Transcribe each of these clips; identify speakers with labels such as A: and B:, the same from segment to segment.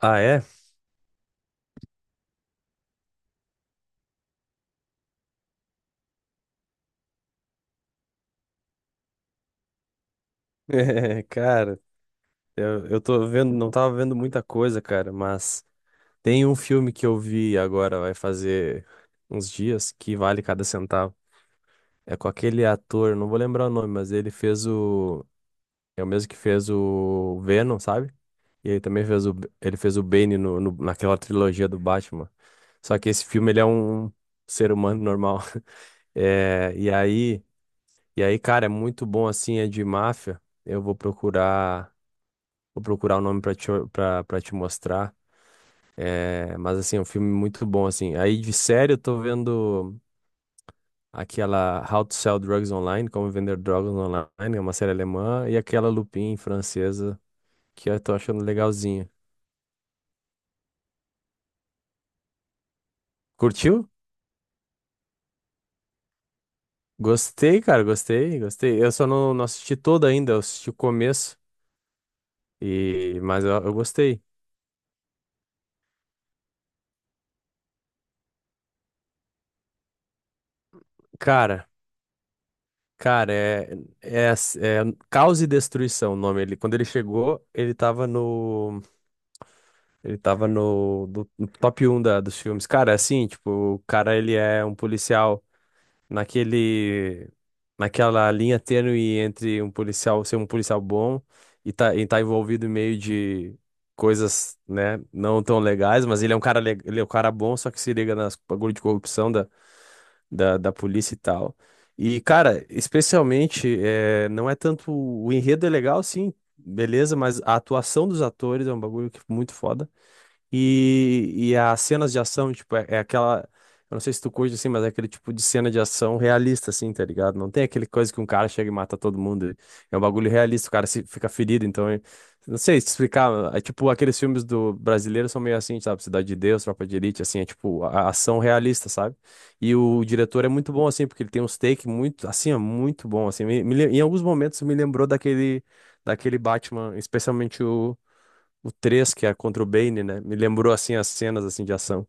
A: Ah, é? Cara, eu tô vendo, não tava vendo muita coisa, cara, mas tem um filme que eu vi agora, vai fazer uns dias, que vale cada centavo. É com aquele ator, não vou lembrar o nome, mas ele fez o. É o mesmo que fez o Venom, sabe? E ele também fez o. Ele fez o Bane naquela trilogia do Batman. Só que esse filme, ele é um ser humano normal. É, e aí, cara, é muito bom assim, é de máfia. Eu vou procurar. Vou procurar o nome pra te, pra, pra te mostrar. É, mas, assim, é um filme muito bom, assim. Aí, de série, eu tô vendo aquela How to Sell Drugs Online, Como Vender Drogas Online, é uma série alemã, e aquela Lupin, francesa, que eu tô achando legalzinha. Curtiu? Gostei, cara, gostei, gostei. Eu só não assisti toda ainda, eu assisti o começo, e, mas eu gostei. Cara, cara, é, é, é Caos e Destruição o nome. Ele, quando ele chegou, ele tava no... Ele tava no top 1 dos filmes. Cara, assim, tipo, o cara ele é um policial naquele, naquela linha tênue entre um policial ser um policial bom e tá envolvido em meio de coisas, né, não tão legais, mas ele é um cara, ele é um cara bom, só que se liga nas bagulho de corrupção da polícia e tal. E, cara, especialmente, é, não é tanto. O enredo é legal, sim, beleza, mas a atuação dos atores é um bagulho que é muito foda. E as cenas de ação, tipo, é, é aquela. Eu não sei se tu curte assim, mas é aquele tipo de cena de ação realista, assim, tá ligado? Não tem aquele coisa que um cara chega e mata todo mundo. É um bagulho realista, o cara se, fica ferido, então. Não sei te explicar. É tipo, aqueles filmes do brasileiro são meio assim, sabe? Cidade de Deus, Tropa de Elite, assim, é tipo a ação realista, sabe? E o diretor é muito bom, assim, porque ele tem uns takes muito, assim, é muito bom, assim. Em alguns momentos me lembrou daquele, daquele Batman, especialmente o 3 que é contra o Bane, né? Me lembrou assim as cenas assim de ação.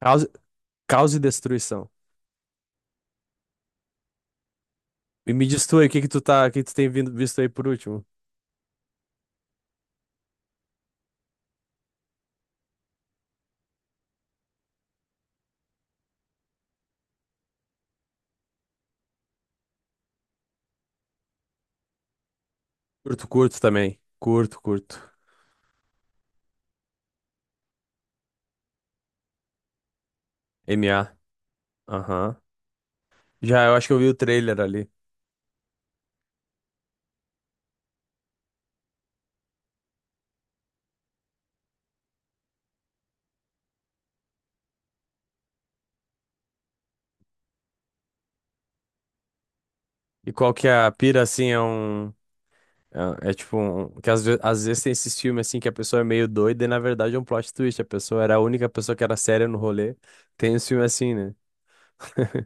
A: Caos, caos e destruição. E me diz tu aí, o que que tu tá, o que que tu tem vindo, visto aí por último? Curto, curto também. Curto, curto. M A. Aham. Já, eu acho que eu vi o trailer ali. E qual que é a pira, assim, é um... É, é tipo um... Que às vezes tem esses filmes, assim, que a pessoa é meio doida e, na verdade, é um plot twist. A pessoa era a única pessoa que era séria no rolê. Tem esse filme assim, né?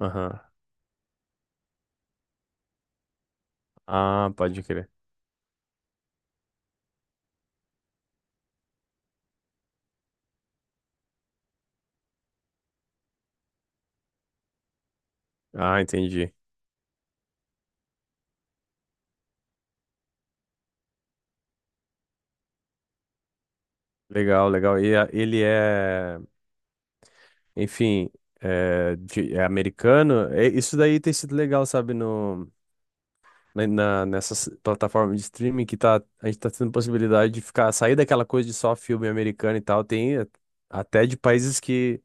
A: Aham. Ah, pode crer. Ah, entendi. Legal, legal. Ele é, enfim, é, é americano. É, isso daí tem sido legal, sabe, no, nessas plataformas de streaming que tá, a gente tá tendo possibilidade de ficar, sair daquela coisa de só filme americano e tal. Até de países que.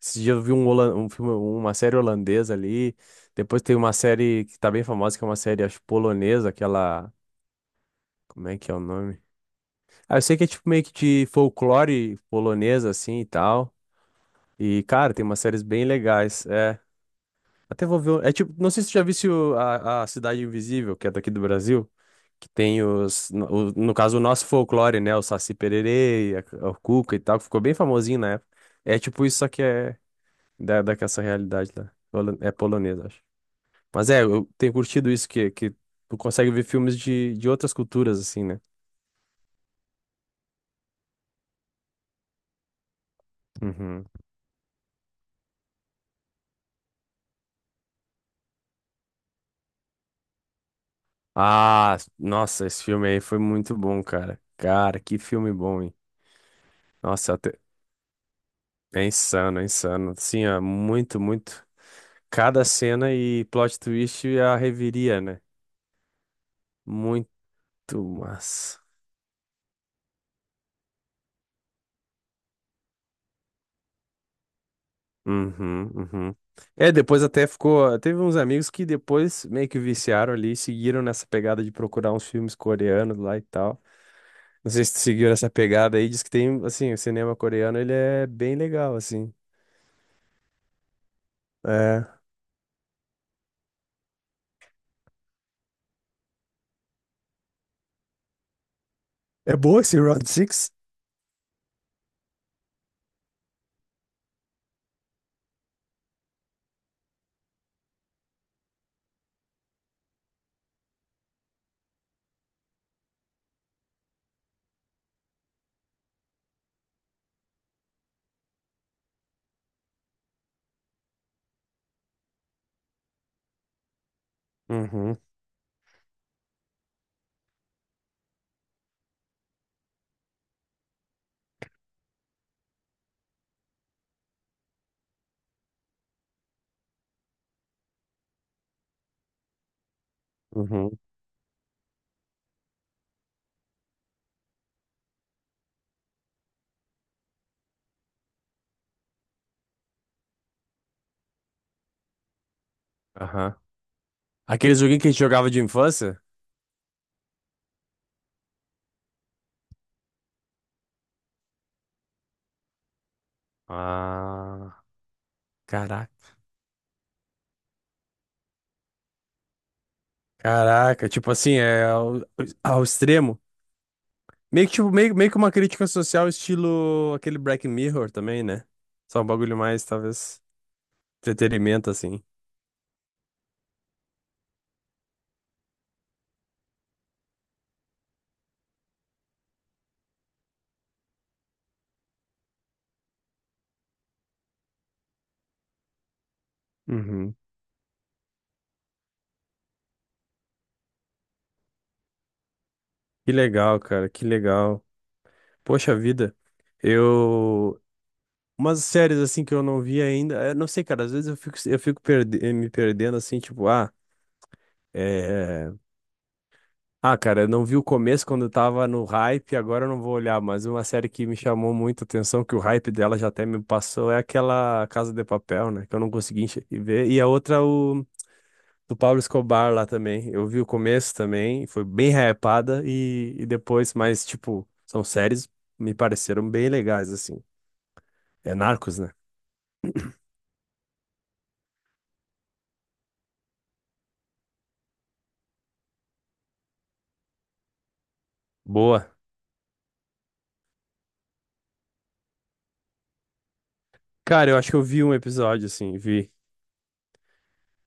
A: Esse dia eu vi um, um filme, uma série holandesa ali. Depois tem uma série que tá bem famosa, que é uma série, acho, polonesa, aquela. Como é que é o nome? Ah, eu sei que é tipo meio que de folclore polonesa, assim e tal. E, cara, tem umas séries bem legais. É, até vou ver. É tipo, não sei se tu já viu a Cidade Invisível, que é daqui do Brasil, que tem os, no, no caso, o nosso folclore, né? O Saci Pererê, a, o Cuca e tal, que ficou bem famosinho na época. É tipo isso, só que é daquela realidade lá. É polonesa, acho. Mas é, eu tenho curtido isso, que tu consegue ver filmes de outras culturas, assim, né? Uhum. Ah, nossa, esse filme aí foi muito bom, cara. Cara, que filme bom, hein? Nossa, até. É insano, é insano. Assim, ó, muito, muito. Cada cena e plot twist é a reviria, né? Muito massa. Uhum, uhum. É, depois até ficou. Teve uns amigos que depois meio que viciaram ali, seguiram nessa pegada de procurar uns filmes coreanos lá e tal. Não sei se tu seguiu essa pegada aí, diz que tem, assim, o cinema coreano, ele é bem legal, assim. É. É boa esse Round Six? Uhum, uhum, aham. Aquele joguinho que a gente jogava de infância? Ah, caraca. Caraca, tipo assim, é ao, ao extremo. Meio que, tipo, meio, meio que uma crítica social, estilo aquele Black Mirror também, né? Só um bagulho mais, talvez, entretenimento, assim. Uhum. Que legal, cara, que legal. Poxa vida, eu. Umas séries, assim, que eu não vi ainda. Eu não sei, cara, às vezes me perdendo, assim, tipo, ah. é, Ah, cara, eu não vi o começo quando eu tava no hype, agora eu não vou olhar, mas uma série que me chamou muito a atenção, que o hype dela já até me passou, é aquela Casa de Papel, né? Que eu não consegui ver. E a outra, o do Pablo Escobar lá também. Eu vi o começo também, foi bem hypada, e depois, mas, tipo, são séries me pareceram bem legais, assim. É Narcos, né? Boa. Cara, eu acho que eu vi um episódio, assim, vi.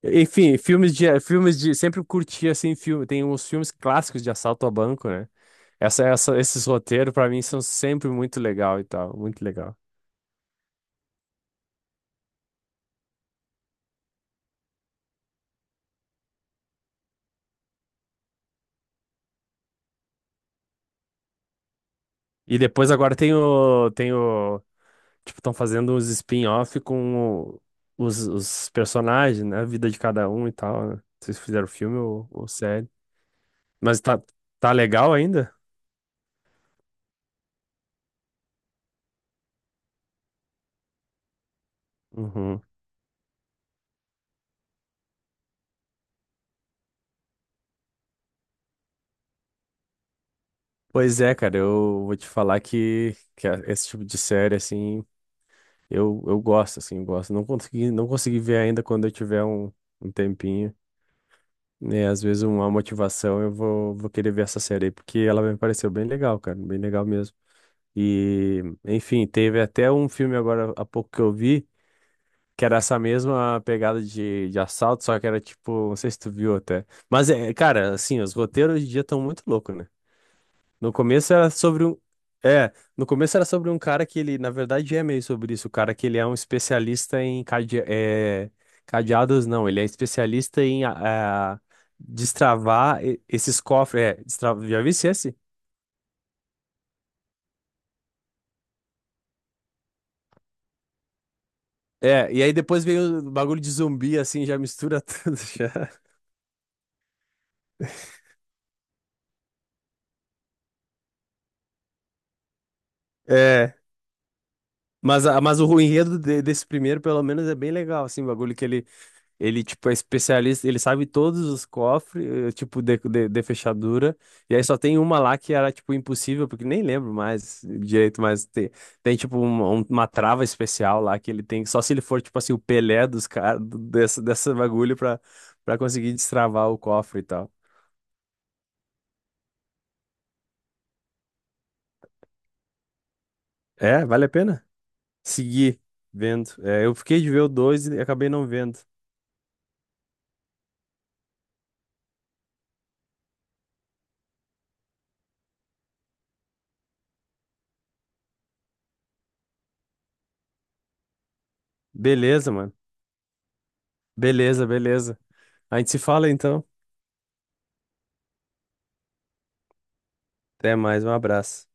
A: Enfim, filmes de, sempre curti assim filme, tem uns filmes clássicos de assalto a banco, né? Esses roteiros pra mim são sempre muito legal e tal, muito legal. E depois agora tem o, tipo, estão fazendo uns spin-off com os personagens, né? A vida de cada um e tal, né? Vocês fizeram filme ou série. Mas tá, tá legal ainda? Uhum. Pois é, cara, eu vou te falar que esse tipo de série, assim, eu gosto, assim, eu gosto. Não consegui ver ainda quando eu tiver um, um tempinho. Né, às vezes uma motivação eu vou querer ver essa série aí, porque ela me pareceu bem legal, cara, bem legal mesmo. E, enfim, teve até um filme agora há pouco que eu vi, que era essa mesma pegada de assalto, só que era tipo, não sei se tu viu até. Mas, é, cara, assim, os roteiros hoje em dia estão muito loucos, né? No começo era sobre um. É, no começo era sobre um cara que ele, na verdade, é meio sobre isso. O cara que ele é um especialista em cade... é, cadeados, não. Ele é especialista em ah, é, esses cofres. É, destra... já vi esse? É, e aí depois veio o bagulho de zumbi, assim, já mistura tudo já. É. Mas, mas o enredo desse primeiro, pelo menos, é bem legal, assim, o bagulho que ele, tipo, é especialista, ele sabe todos os cofres, eh, tipo, de fechadura. E aí só tem uma lá que era, tipo, impossível, porque nem lembro mais direito, mas tem, tem tipo, uma trava especial lá que ele tem, só se ele for, tipo, assim, o Pelé dos caras, dessa bagulho pra, pra conseguir destravar o cofre e tal. É, vale a pena seguir vendo. É, eu fiquei de ver o 2 e acabei não vendo. Beleza, mano. Beleza, beleza. A gente se fala, então. Até mais, um abraço.